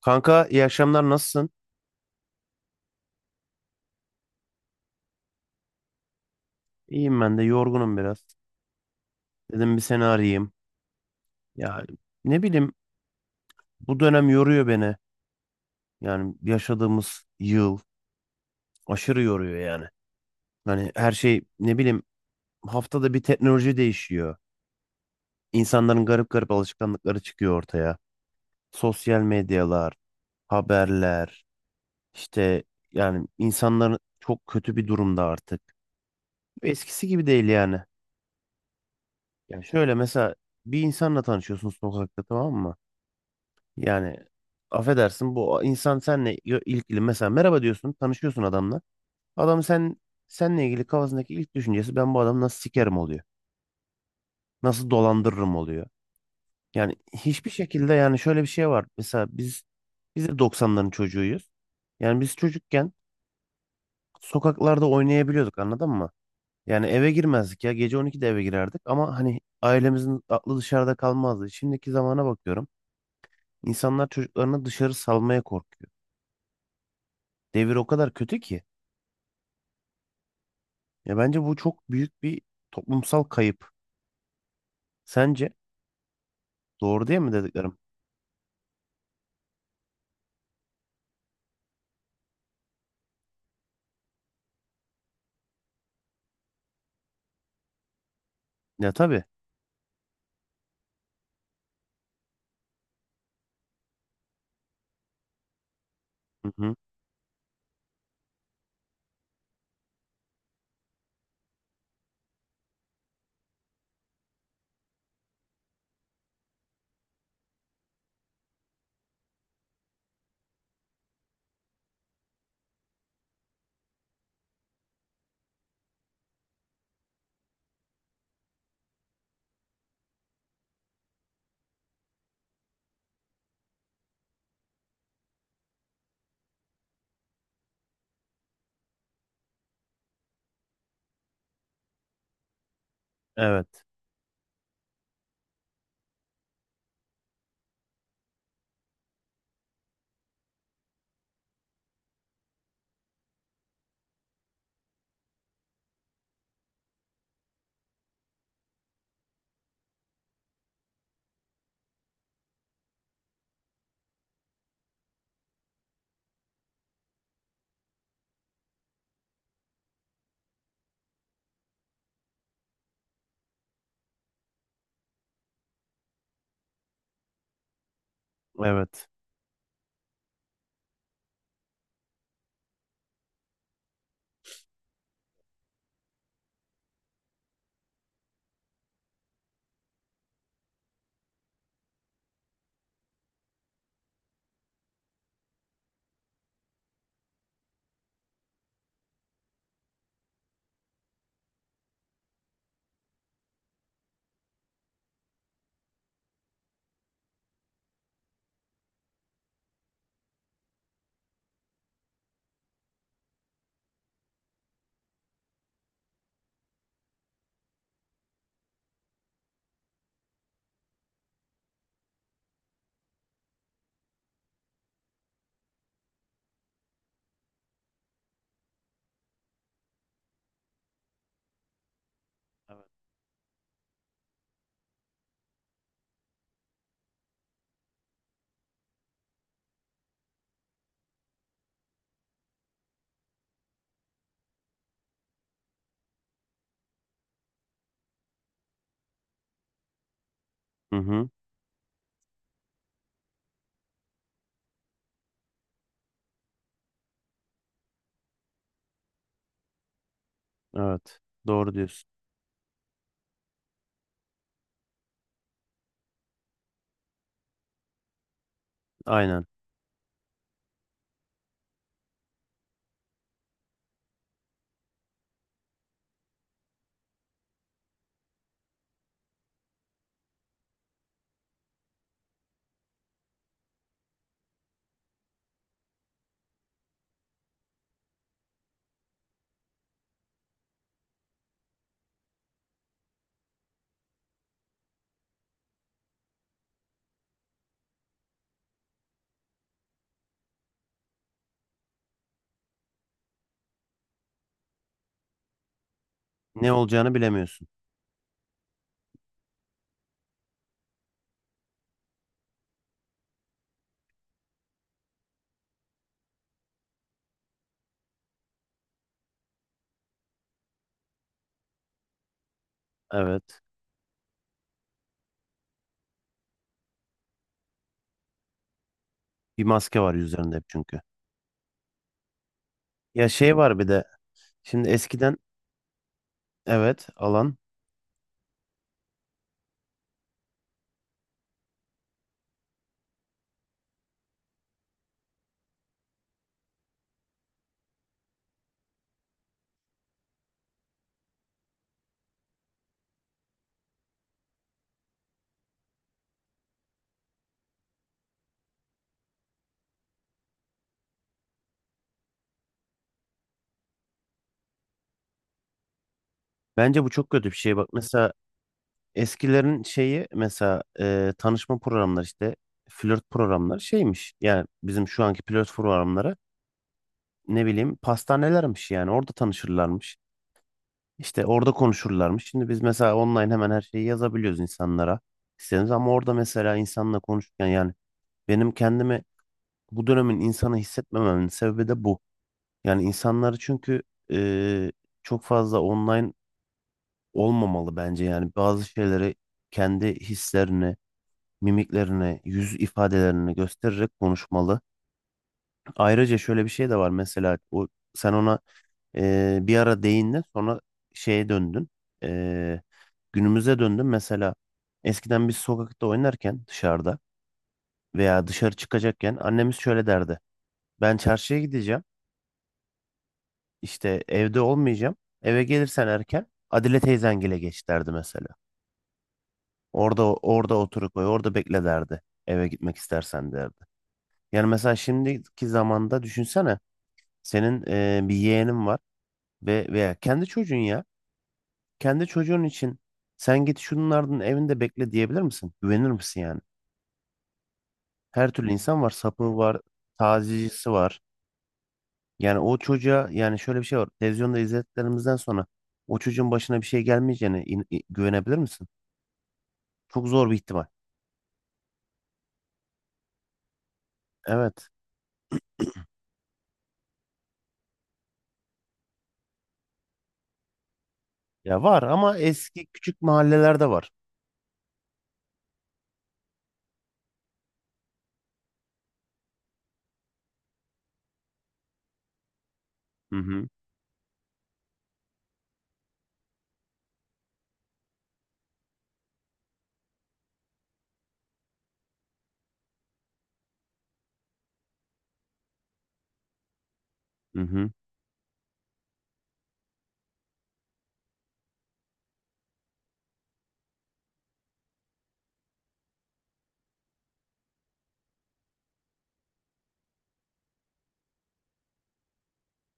Kanka, iyi akşamlar, nasılsın? İyiyim, ben de yorgunum biraz. Dedim bir seni arayayım. Ya, ne bileyim, bu dönem yoruyor beni. Yani yaşadığımız yıl aşırı yoruyor yani. Hani her şey, ne bileyim, haftada bir teknoloji değişiyor. İnsanların garip garip alışkanlıkları çıkıyor ortaya. Sosyal medyalar, haberler, işte, yani insanların çok kötü bir durumda artık. Eskisi gibi değil yani. Yani şöyle, mesela bir insanla tanışıyorsun sokakta, tamam mı? Yani affedersin, bu insan senle ilgili, mesela merhaba diyorsun, tanışıyorsun adamla. Adam senle ilgili kafasındaki ilk düşüncesi, ben bu adamı nasıl sikerim, oluyor. Nasıl dolandırırım, oluyor. Yani hiçbir şekilde, yani şöyle bir şey var. Mesela biz de 90'ların çocuğuyuz. Yani biz çocukken sokaklarda oynayabiliyorduk, anladın mı? Yani eve girmezdik ya, gece 12'de eve girerdik, ama hani ailemizin aklı dışarıda kalmazdı. Şimdiki zamana bakıyorum. İnsanlar çocuklarını dışarı salmaya korkuyor. Devir o kadar kötü ki. Ya bence bu çok büyük bir toplumsal kayıp. Sence doğru değil mi dediklerim? Ya tabii. Hı hı. Evet. Evet. Hı hı. Evet. Doğru diyorsun. Aynen. Ne olacağını bilemiyorsun. Evet. Bir maske var yüzlerinde hep çünkü. Ya şey var bir de. Şimdi eskiden evet, alan. Bence bu çok kötü bir şey. Bak mesela, eskilerin şeyi, mesela tanışma programları, işte flört programları şeymiş. Yani bizim şu anki flört programları, ne bileyim, pastanelermiş, yani orada tanışırlarmış. İşte orada konuşurlarmış. Şimdi biz mesela online hemen her şeyi yazabiliyoruz insanlara. İstediğimiz, ama orada mesela insanla konuşurken, yani benim kendimi bu dönemin insanı hissetmememin sebebi de bu. Yani insanları çünkü e, çok fazla online olmamalı bence. Yani bazı şeyleri, kendi hislerini, mimiklerini, yüz ifadelerini göstererek konuşmalı. Ayrıca şöyle bir şey de var, mesela o sen ona, bir ara değindin, sonra şeye döndün. Ee, Günümüze döndün. Mesela eskiden biz sokakta oynarken dışarıda veya dışarı çıkacakken annemiz şöyle derdi. Ben çarşıya gideceğim, işte evde olmayacağım. Eve gelirsen erken, Adile teyzengile geç, derdi mesela. Orada otur, koy orada, bekle derdi. Eve gitmek istersen derdi. Yani mesela şimdiki zamanda düşünsene, senin bir yeğenin var ve veya kendi çocuğun ya. Kendi çocuğun için sen git şunun ardının evinde bekle diyebilir misin? Güvenir misin yani? Her türlü insan var. Sapığı var. Tazicisi var. Yani o çocuğa, yani şöyle bir şey var. Televizyonda izlediklerimizden sonra o çocuğun başına bir şey gelmeyeceğine güvenebilir misin? Çok zor bir ihtimal. Evet. Ya var, ama eski küçük mahallelerde var. Hı hı. Hı hı.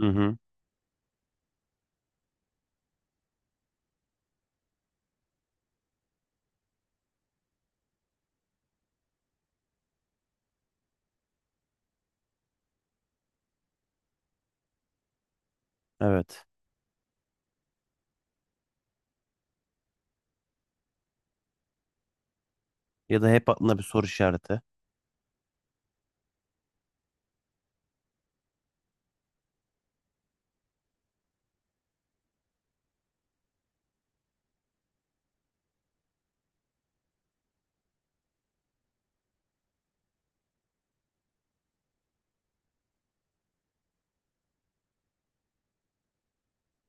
Hı hı. Evet. Ya da hep aklında bir soru işareti.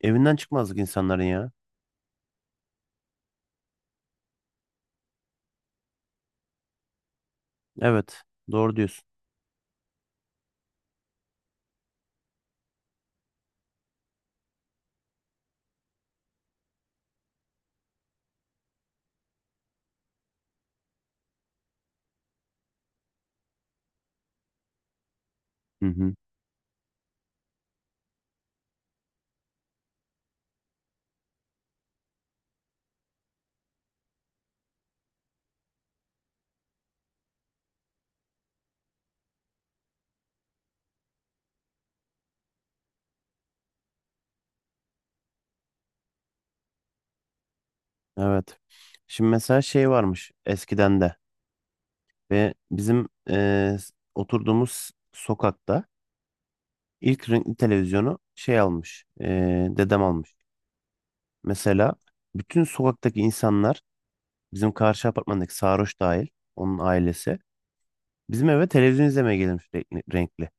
Evinden çıkmazlık insanların ya. Evet. Doğru diyorsun. Hı hı. Evet. Şimdi mesela şey varmış eskiden de, ve bizim oturduğumuz sokakta ilk renkli televizyonu şey almış, dedem almış. Mesela bütün sokaktaki insanlar, bizim karşı apartmandaki Sarhoş dahil, onun ailesi, bizim eve televizyon izlemeye gelmiş renkli. Renkli.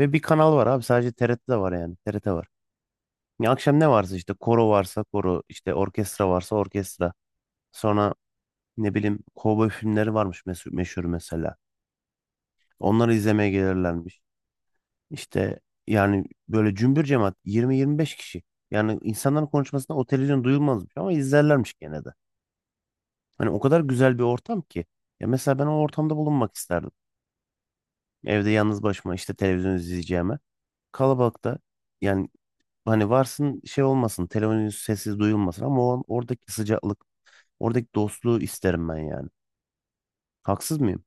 Ve bir kanal var abi, sadece TRT'de var, yani TRT var. Ya akşam ne varsa, işte koro varsa koro, işte orkestra varsa orkestra. Sonra ne bileyim, kovboy filmleri varmış meşhur, meşhur mesela. Onları izlemeye gelirlermiş. İşte, yani böyle cümbür cemaat 20-25 kişi. Yani insanların konuşmasında o televizyon duyulmazmış, ama izlerlermiş gene de. Hani o kadar güzel bir ortam ki. Ya mesela ben o ortamda bulunmak isterdim. Evde yalnız başıma işte televizyon izleyeceğime. Kalabalıkta, yani hani varsın şey olmasın, televizyon sessiz duyulmasın, ama o oradaki sıcaklık, oradaki dostluğu isterim ben yani. Haksız mıyım?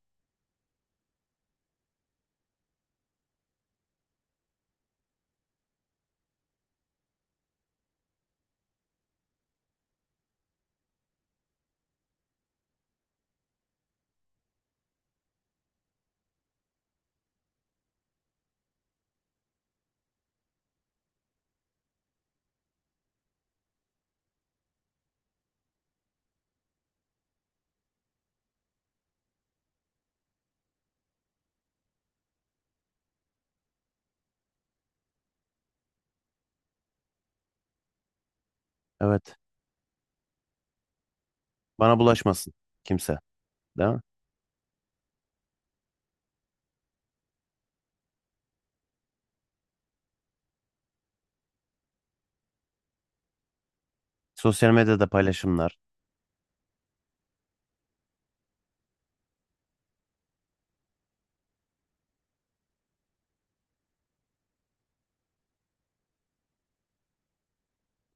Evet. Bana bulaşmasın kimse. Değil mi? Sosyal medyada paylaşımlar.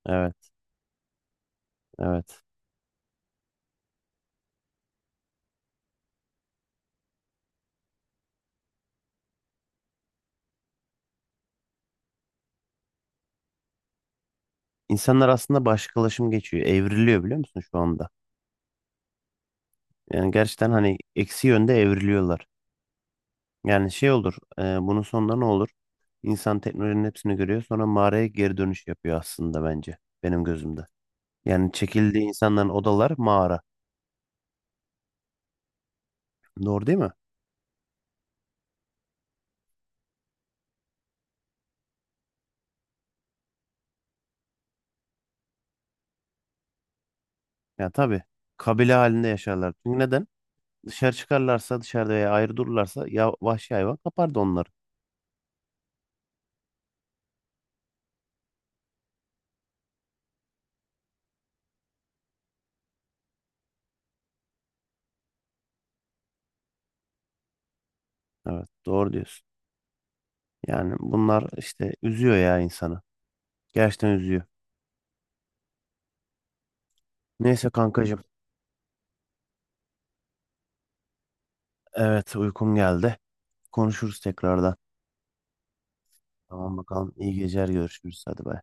Evet, evet. İnsanlar aslında başkalaşım geçiyor. Evriliyor, biliyor musun şu anda? Yani gerçekten hani eksi yönde evriliyorlar. Yani şey olur, bunun sonunda ne olur? İnsan teknolojinin hepsini görüyor, sonra mağaraya geri dönüş yapıyor aslında bence, benim gözümde. Yani çekildiği insanların odalar mağara. Doğru değil mi? Ya tabii. Kabile halinde yaşarlar. Çünkü neden? Dışarı çıkarlarsa, dışarıda veya ayrı dururlarsa ya vahşi hayvan kapardı onları. Evet, doğru diyorsun. Yani bunlar işte üzüyor ya insanı. Gerçekten üzüyor. Neyse kankacığım. Evet uykum geldi. Konuşuruz tekrardan. Tamam bakalım. İyi geceler, görüşürüz. Hadi bay.